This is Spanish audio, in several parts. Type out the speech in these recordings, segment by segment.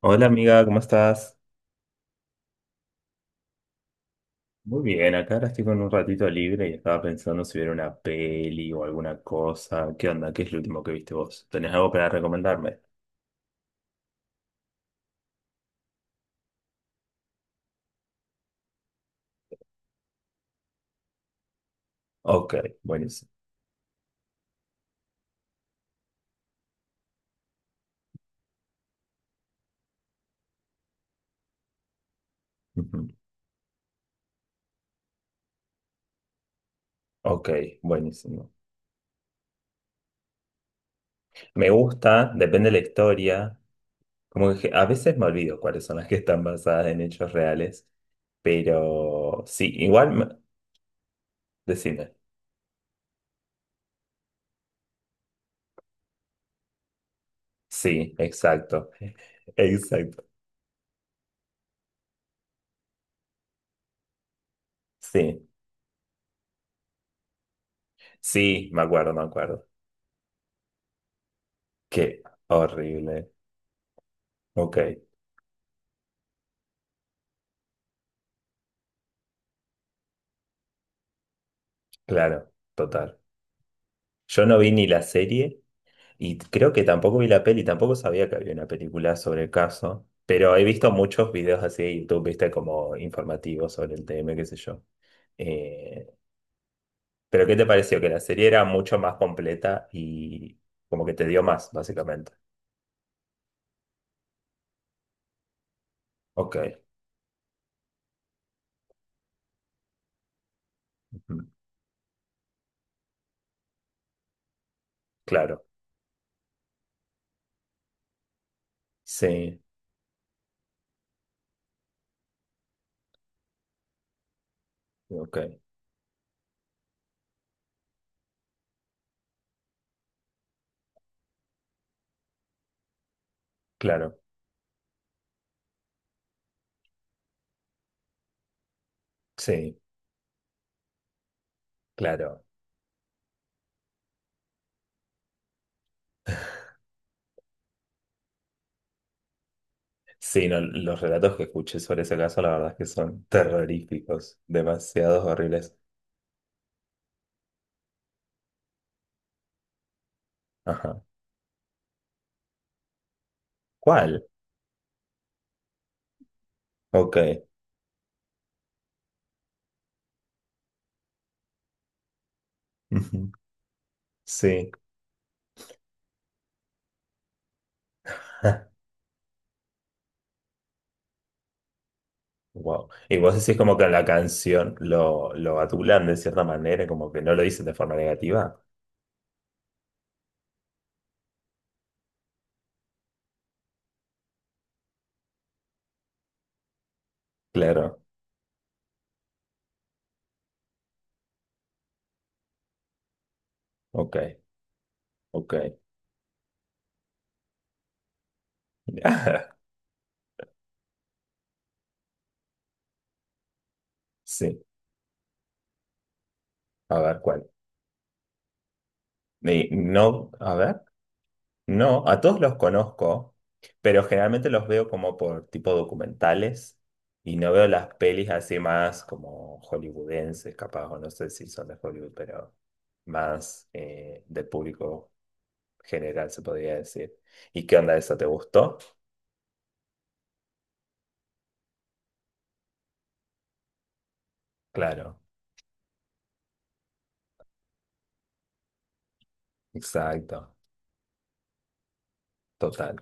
Hola amiga, ¿cómo estás? Muy bien, acá ahora estoy con un ratito libre y estaba pensando si ver una peli o alguna cosa. ¿Qué onda? ¿Qué es lo último que viste vos? ¿Tenés algo para recomendarme? Ok, buenísimo. Ujú. Ok, buenísimo. Me gusta, depende de la historia. Como que a veces me olvido cuáles son las que están basadas en hechos reales, pero sí, igual, decime. Sí, exacto. Exacto. Sí, sí, me acuerdo, me acuerdo. Qué horrible. Ok. Claro, total. Yo no vi ni la serie y creo que tampoco vi la peli, tampoco sabía que había una película sobre el caso, pero he visto muchos videos así de YouTube, viste, como informativos sobre el tema, qué sé yo. Eh, pero ¿qué te pareció? Que la serie era mucho más completa y como que te dio más, básicamente. Ok, ujú, claro, sí, ok, claro, sí, claro. Sí, no, los relatos que escuché sobre ese caso, la verdad es que son terroríficos, demasiados horribles. Ajá. ¿Cuál? Ok. Ujú. Sí. Wow. Y vos decís como que en la canción lo adulan de cierta manera, como que no lo dicen de forma negativa. Claro. Ok. Ok. Sí. A ver, ¿cuál? Y no, a ver. No, a todos los conozco, pero generalmente los veo como por tipo documentales y no veo las pelis así más como hollywoodenses, capaz, o no sé si son de Hollywood, pero más del público general, se podría decir. ¿Y qué onda eso? ¿Te gustó? Claro, exacto, total.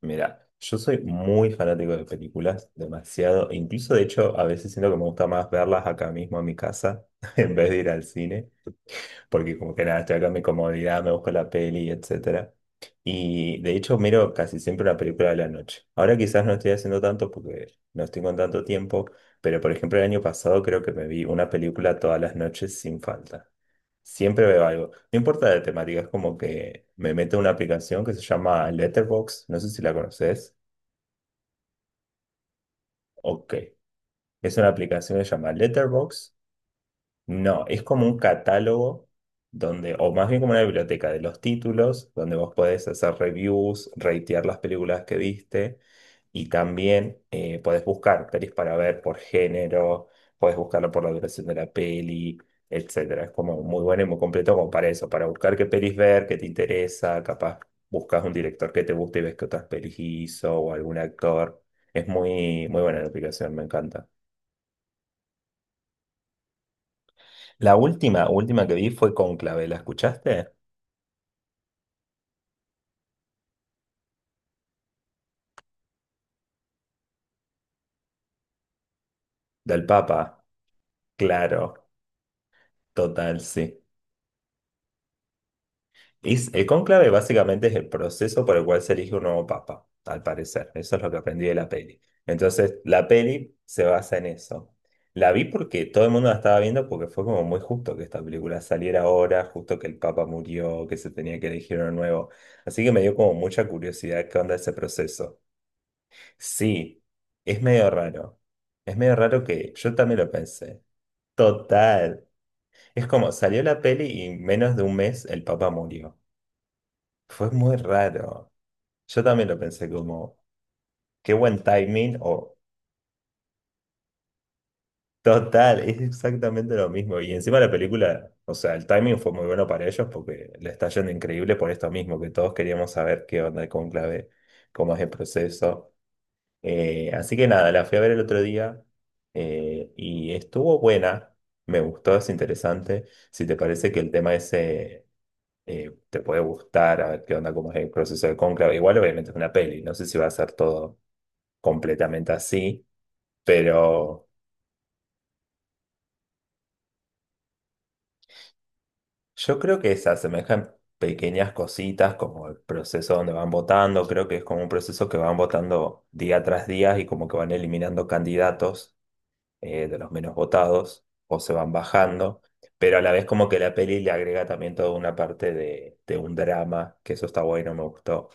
Mira, yo soy muy fanático de películas, demasiado. E incluso, de hecho, a veces siento que me gusta más verlas acá mismo en mi casa en vez de ir al cine. Porque como que nada, estoy acá en mi comodidad, me busco la peli, etcétera. Y de hecho miro casi siempre una película de la noche. Ahora quizás no estoy haciendo tanto porque no estoy con tanto tiempo, pero por ejemplo el año pasado creo que me vi una película todas las noches sin falta. Siempre veo algo. No importa la temática, es como que me meto en una aplicación que se llama Letterboxd, no sé si la conoces. Ok. Es una aplicación que se llama Letterboxd. No, es como un catálogo donde, o más bien como una biblioteca de los títulos, donde vos podés hacer reviews, ratear las películas que viste y también podés buscar pelis para ver por género, podés buscarlo por la duración de la peli, etcétera. Es como muy bueno y muy completo como para eso, para buscar qué pelis ver, qué te interesa, capaz buscas un director que te guste y ves qué otras pelis hizo o algún actor. Es muy, muy buena la aplicación, me encanta. La última, última que vi fue Cónclave, ¿la escuchaste? Del Papa, claro, total, sí. Es, el cónclave básicamente es el proceso por el cual se elige un nuevo papa, al parecer. Eso es lo que aprendí de la peli. Entonces, la peli se basa en eso. La vi porque todo el mundo la estaba viendo porque fue como muy justo que esta película saliera ahora, justo que el papa murió, que se tenía que elegir uno nuevo. Así que me dio como mucha curiosidad qué onda ese proceso. Sí, es medio raro. Es medio raro que yo también lo pensé. Total. Es como, salió la peli y en menos de un mes el Papa murió. Fue muy raro. Yo también lo pensé como, qué buen timing o total, es exactamente lo mismo. Y encima la película, o sea, el timing fue muy bueno para ellos porque le está yendo increíble por esto mismo, que todos queríamos saber qué onda el conclave, cómo es el proceso. Así que nada, la fui a ver el otro día y estuvo buena, me gustó, es interesante. Si te parece que el tema ese te puede gustar, a ver qué onda, cómo es el proceso de cónclave. Igual obviamente es una peli, no sé si va a ser todo completamente así, pero yo creo que se asemejan pequeñas cositas como el proceso donde van votando, creo que es como un proceso que van votando día tras día y como que van eliminando candidatos, de los menos votados, o se van bajando, pero a la vez como que la peli le agrega también toda una parte de un drama, que eso está bueno, me gustó,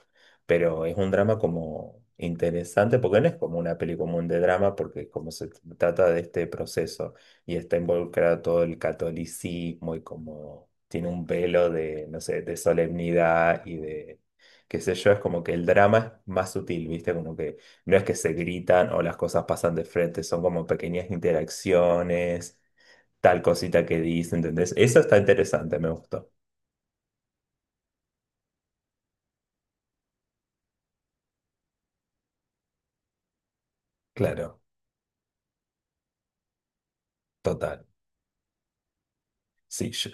pero es un drama como interesante, porque no es como una peli común de drama, porque como se trata de este proceso y está involucrado todo el catolicismo y como tiene un velo de, no sé, de solemnidad y de... qué sé yo, es como que el drama es más sutil, ¿viste? Como que no es que se gritan o las cosas pasan de frente, son como pequeñas interacciones, tal cosita que dice, ¿entendés? Eso está interesante, me gustó. Claro, total. Sí,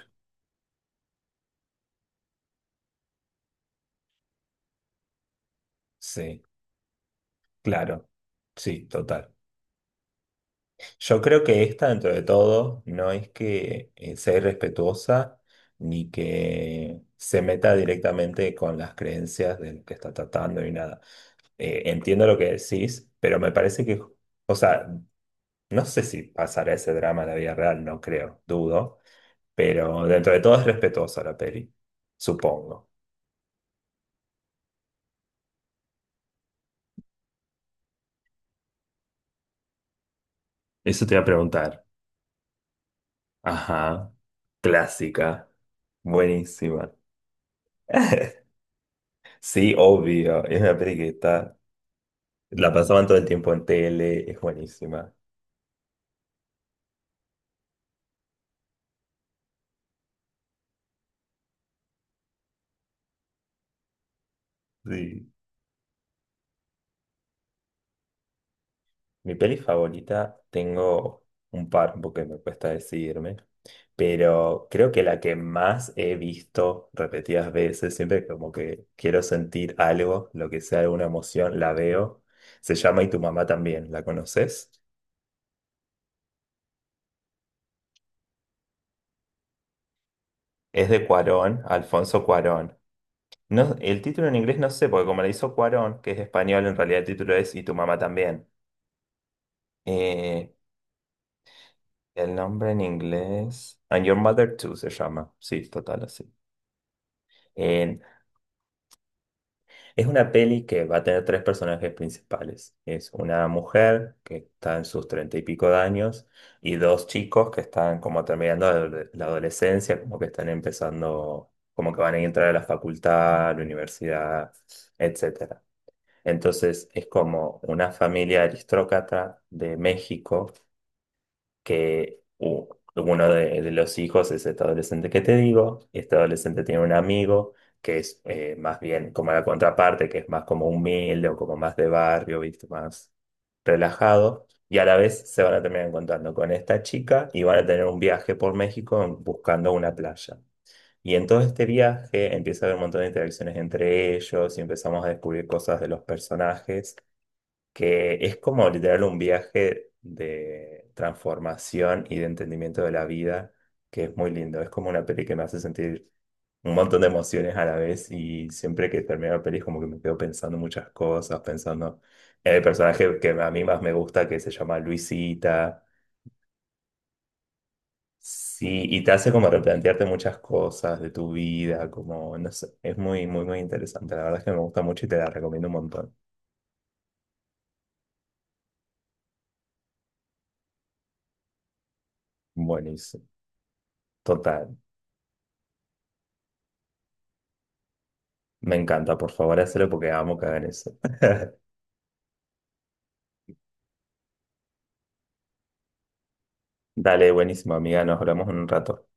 sí, claro. Sí, total. Yo creo que esta, dentro de todo, no es que sea irrespetuosa ni que se meta directamente con las creencias del que está tratando y nada, entiendo lo que decís, pero me parece que, o sea, no sé si pasará ese drama en la vida real, no creo, dudo, pero dentro de todo es respetuosa la peli, supongo. Eso te iba a preguntar. Ajá, clásica, buenísima. Sí, obvio, es una peli que está, la pasaban todo el tiempo en tele, es buenísima. Sí. Mi peli favorita, tengo un par, porque me cuesta decidirme, pero creo que la que más he visto repetidas veces, siempre como que quiero sentir algo, lo que sea alguna emoción, la veo. Se llama Y tu mamá también, ¿la conoces? Es de Cuarón, Alfonso Cuarón. No, el título en inglés no sé, porque como le hizo Cuarón, que es español, en realidad el título es Y tu mamá también. Eh, el nombre en inglés, And Your Mother Too se llama. Sí, total, así. Eh, Es una peli que va a tener tres personajes principales. Es una mujer que está en sus treinta y pico de años y dos chicos que están como terminando la adolescencia, como que están empezando, como que van a entrar a la facultad, a la universidad, etcétera. Entonces es como una familia aristócrata de México que u- uno de los hijos es este adolescente que te digo, y este adolescente tiene un amigo que es más bien como la contraparte, que es más como humilde o como más de barrio, ¿viste? Más relajado, y a la vez se van a terminar encontrando con esta chica y van a tener un viaje por México buscando una playa. Y en todo este viaje empieza a haber un montón de interacciones entre ellos y empezamos a descubrir cosas de los personajes, que es como literal un viaje de transformación y de entendimiento de la vida, que es muy lindo. Es como una peli que me hace sentir un montón de emociones a la vez y siempre que termino la peli es como que me quedo pensando muchas cosas, pensando en el personaje que a mí más me gusta, que se llama Luisita. Sí, y te hace como replantearte muchas cosas de tu vida, como, no sé, es muy, muy, muy interesante. La verdad es que me gusta mucho y te la recomiendo un montón. Buenísimo. Total. Me encanta, por favor, hacerlo porque amo cagar eso. Dale, buenísimo, amiga, nos hablamos en un rato.